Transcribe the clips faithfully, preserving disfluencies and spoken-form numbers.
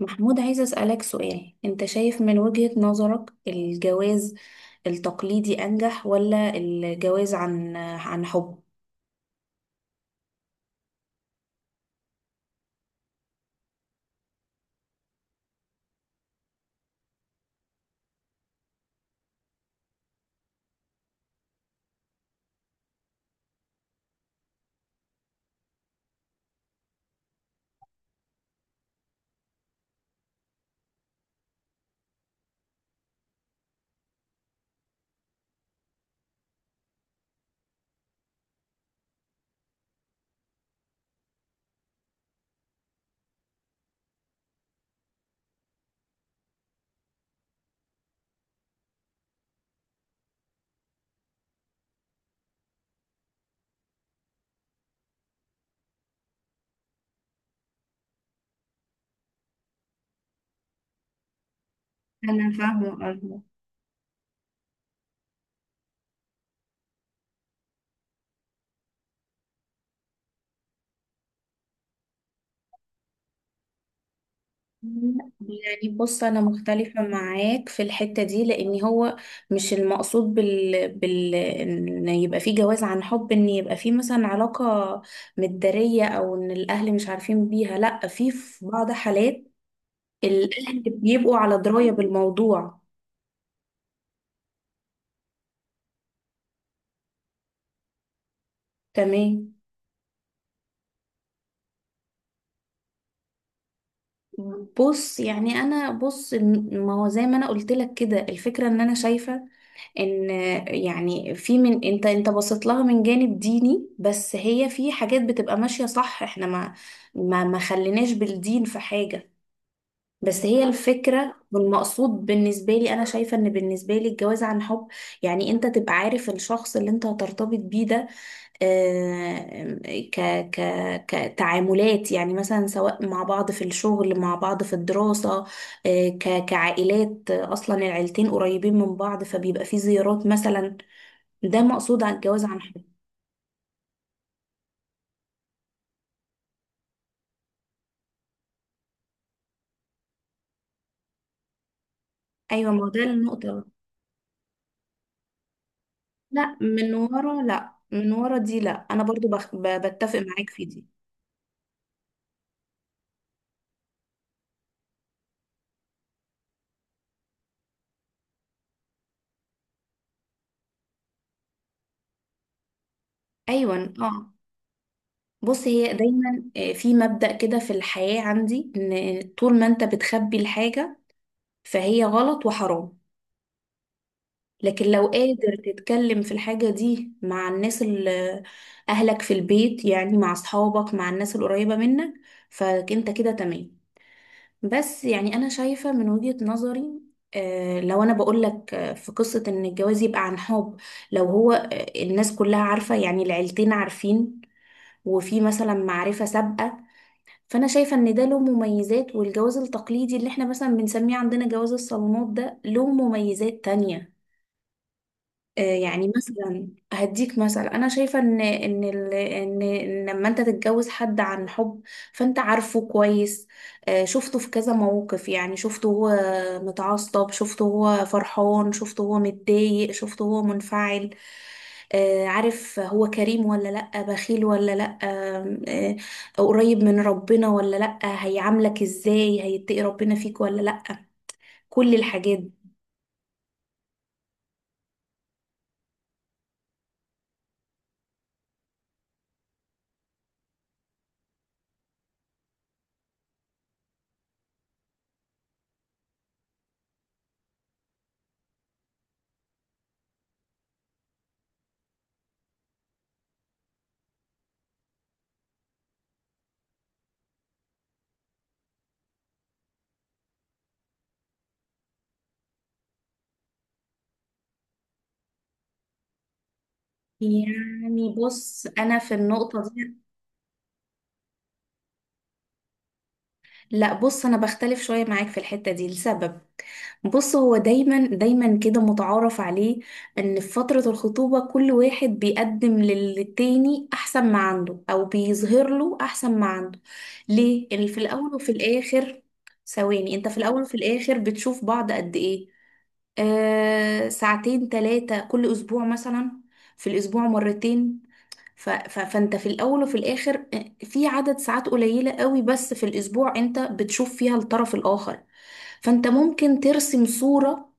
محمود، عايزة أسألك سؤال. أنت شايف من وجهة نظرك الجواز التقليدي أنجح ولا الجواز عن عن حب؟ أنا فاهمة قصدك. يعني بص، أنا مختلفة معاك في الحتة دي، لأن هو مش المقصود بال... بال... إن يبقى فيه جواز عن حب، إن يبقى فيه مثلا علاقة متدارية أو إن الأهل مش عارفين بيها. لأ، في في بعض حالات الأهل بيبقوا على دراية بالموضوع. تمام. بص، يعني انا بص، ما هو زي ما انا قلت لك كده، الفكره ان انا شايفه ان يعني في، من انت انت بصيت لها من جانب ديني، بس هي في حاجات بتبقى ماشيه صح، احنا ما ما ما خليناش بالدين في حاجه. بس هي الفكره، والمقصود بالنسبه لي، انا شايفه ان بالنسبه لي الجواز عن حب يعني انت تبقى عارف الشخص اللي انت هترتبط بيه ده، آه، ك ك كتعاملات، يعني مثلا سواء مع بعض في الشغل، مع بعض في الدراسة، آه، ك كعائلات، آه، أصلا العيلتين قريبين من بعض فبيبقى في زيارات مثلا. ده مقصود على الجواز عن حب. أيوة، ما هو ده النقطة. لا من ورا، لا من ورا دي، لا أنا برضو بخ... ب- بتفق معاك في دي. أيوة، اه. بص، هي دايما، آه، في مبدأ كده في الحياة عندي، إن طول ما أنت بتخبي الحاجة فهي غلط وحرام. لكن لو قادر تتكلم في الحاجة دي مع الناس، اللي أهلك في البيت، يعني مع أصحابك، مع الناس القريبة منك، فأنت كده تمام. بس يعني أنا شايفة من وجهة نظري، آه، لو أنا بقولك آه، في قصة إن الجواز يبقى عن حب، لو هو آه، الناس كلها عارفة، يعني العيلتين عارفين وفي مثلا معرفة سابقة، فأنا شايفة إن ده له مميزات، والجواز التقليدي اللي إحنا مثلا بنسميه عندنا جواز الصالونات ده له مميزات تانية. آه، يعني مثلا هديك مثل، انا شايفه ان ان ال- ان إن لما انت تتجوز حد عن حب فانت عارفه كويس، آه، شفته في كذا موقف، يعني شفته هو متعصب، شفته هو فرحان، شفته هو متضايق، شفته هو منفعل، آه، عارف هو كريم ولا لأ، بخيل ولا لأ، آه، قريب من ربنا ولا لأ، هيعاملك ازاي، هيتقي ربنا فيك ولا لأ. كل الحاجات دي. يعني بص، انا في النقطه دي، لا بص، انا بختلف شويه معاك في الحته دي لسبب. بص، هو دايما دايما كده متعارف عليه ان في فتره الخطوبه كل واحد بيقدم للتاني احسن ما عنده، او بيظهر له احسن ما عنده. ليه؟ اللي في الاول وفي الاخر، ثواني، انت في الاول وفي الاخر بتشوف بعض قد ايه؟ آه، ساعتين ثلاثه كل اسبوع مثلا، في الاسبوع مرتين. ف... ف... فانت في الاول وفي الاخر آه، في عدد ساعات قليلة قوي بس في الاسبوع انت بتشوف فيها الطرف الاخر. فانت ممكن ترسم صورة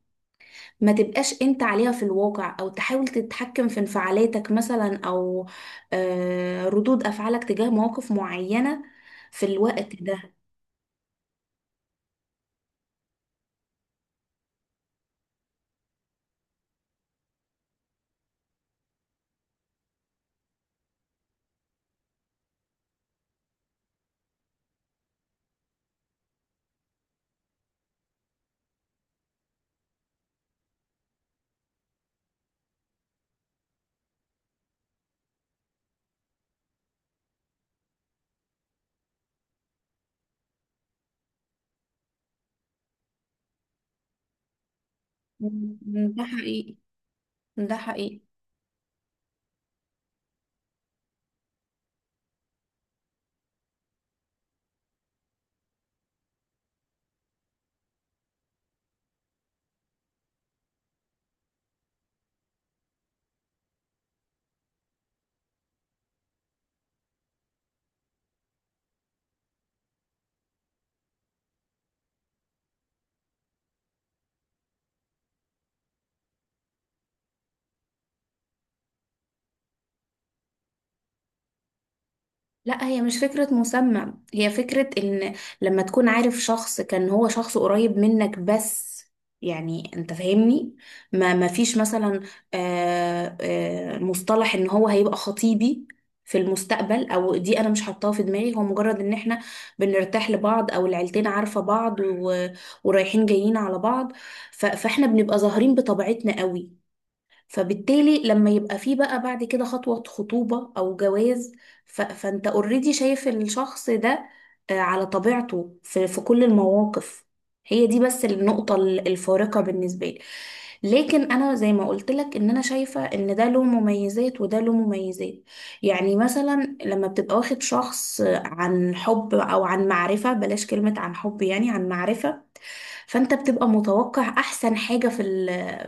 ما تبقاش انت عليها في الواقع، او تحاول تتحكم في انفعالاتك مثلا، او آه، ردود افعالك تجاه مواقف معينة في الوقت ده. مم. ده حقيقي. ده حقيقي. لا هي مش فكرة مسمى، هي فكرة ان لما تكون عارف شخص، كان هو شخص قريب منك بس، يعني انت فاهمني، ما ما فيش مثلا آه، آه، مصطلح ان هو هيبقى خطيبي في المستقبل او دي، انا مش حاطاها في دماغي، هو مجرد ان احنا بنرتاح لبعض، او العيلتين عارفة بعض و- ورايحين جايين على بعض. ف- فاحنا بنبقى ظاهرين بطبيعتنا قوي، فبالتالي لما يبقى فيه بقى بعد كده خطوة خطوبة أو جواز، ف... فأنت اوريدي شايف الشخص ده آه، على طبيعته في... في كل المواقف. هي دي بس النقطة ال- الفارقة بالنسبة لي. لكن أنا زي ما قلت لك، إن أنا شايفة إن ده له مميزات وده له مميزات. يعني مثلا لما بتبقى واخد شخص آه، عن حب أو عن معرفة، بلاش كلمة عن حب، يعني عن معرفة، فأنت بتبقى متوقع أحسن حاجة في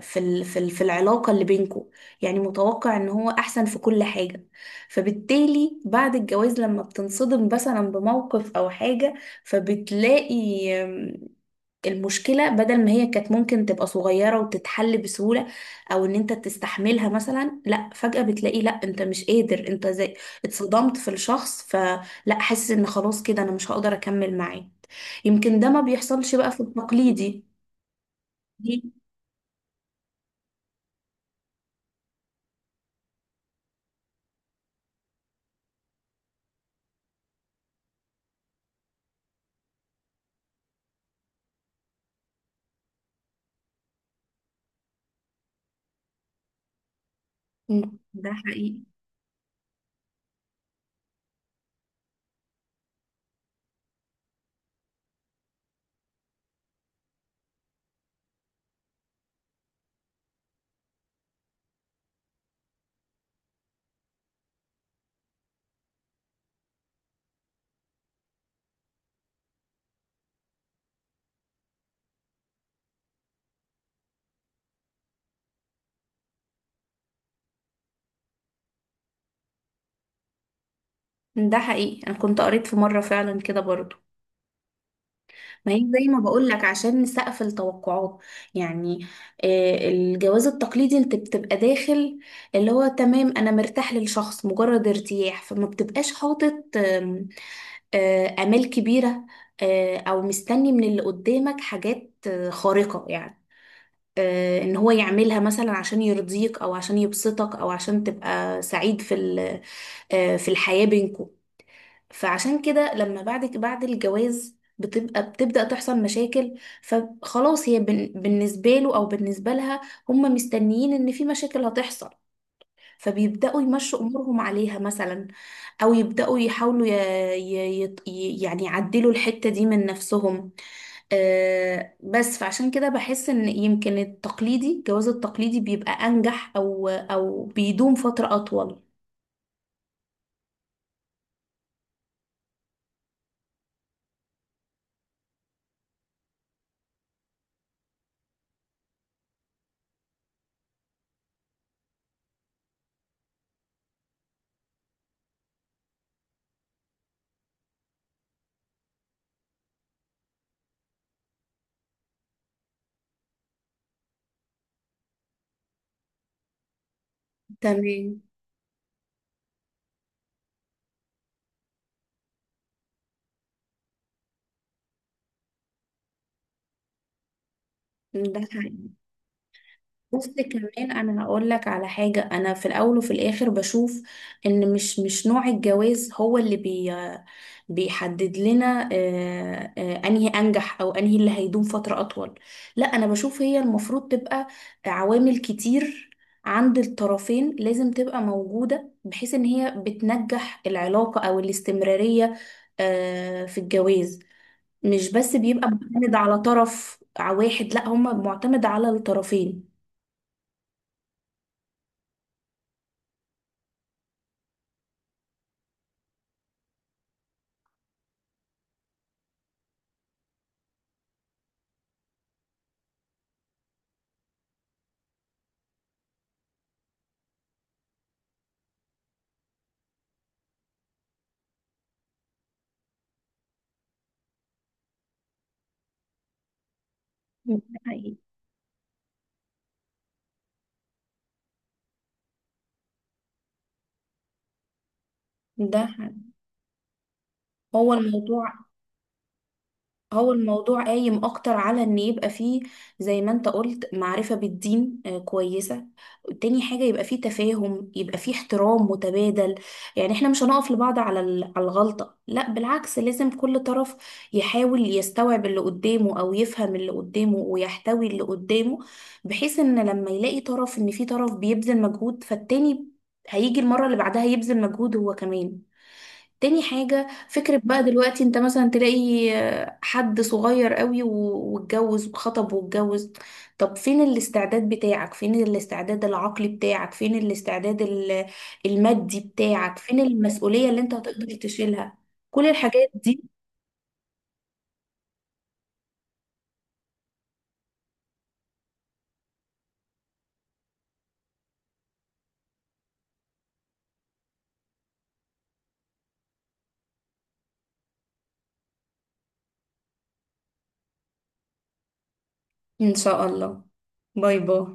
في ال- في ال- في العلاقة اللي بينكو، يعني متوقع ان هو احسن في كل حاجة. فبالتالي بعد الجواز لما بتنصدم مثلا بموقف او حاجة فبتلاقي أم، المشكلة بدل ما هي كانت ممكن تبقى صغيرة وتتحل بسهولة، او ان انت تستحملها مثلا، لا فجأة بتلاقي لا انت مش قادر، انت زي اتصدمت في الشخص، فلا حاسس ان خلاص كده انا مش هقدر اكمل معاه. يمكن ده ما بيحصلش بقى في التقليدي. دي- مم. ده حقيقي. ده حقيقي. انا كنت قريت في مره فعلا كده برضو. ما هي زي ما بقول لك، عشان نسقف التوقعات يعني، آه، الجواز التقليدي انت بتبقى داخل اللي هو تمام، انا مرتاح للشخص مجرد ارتياح، فما بتبقاش حاطط، آم، آه، امال كبيره، آه، او مستني من اللي قدامك حاجات آه، خارقه يعني، آه، ان هو يعملها مثلا عشان يرضيك، او عشان يبسطك، او عشان تبقى سعيد في ال- آه، في الحياه بينكم. فعشان كده لما بعد بعد الجواز بتبقى بتبدأ تحصل مشاكل، فخلاص هي بن- بالنسبة له أو بالنسبة لها، هم مستنيين إن في مشاكل هتحصل، فبيبدأوا يمشوا أمورهم عليها مثلا، أو يبدأوا يحاولوا ي... ي... يط- ي... يعني يعدلوا الحتة دي من نفسهم. آه، بس فعشان كده بحس إن يمكن التقليدي، الجواز التقليدي، بيبقى أنجح، أو أو بيدوم فترة أطول. تمام. ده حقيقي. بس كمان انا هقول لك على حاجه، انا في الاول وفي الاخر بشوف ان مش مش نوع الجواز هو اللي بي بيحدد لنا آه، آه، انهي انجح او انهي اللي هيدوم فتره اطول. لا انا بشوف هي المفروض تبقى عوامل كتير عند الطرفين لازم تبقى موجوده، بحيث ان هي بتنجح العلاقه او الاستمراريه آه، في الجواز. مش بس بيبقى معتمد على طرف واحد، لا هم معتمد على الطرفين. مم. ده حقيقي. ده هو الموضوع، هو الموضوع قايم اكتر على ان يبقى فيه زي ما انت قلت معرفة بالدين آه، كويسة. تاني حاجة، يبقى فيه تفاهم، يبقى فيه احترام متبادل. يعني احنا مش هنقف لبعض على ال- على الغلطة، لا بالعكس، لازم كل طرف يحاول يستوعب اللي قدامه، او يفهم اللي قدامه، ويحتوي اللي قدامه، بحيث ان لما يلاقي طرف ان في طرف بيبذل مجهود، فالتاني هيجي المرة اللي بعدها يبذل مجهود هو كمان. تاني حاجة، فكرة بقى دلوقتي انت مثلا تلاقي آه، حد صغير قوي و- واتجوز وخطب واتجوز. طب فين الاستعداد بتاعك، فين الاستعداد العقلي بتاعك، فين الاستعداد ال- المادي بتاعك، فين المسؤولية اللي انت هتقدر تشيلها؟ كل الحاجات دي. ان شاء الله. باي باي.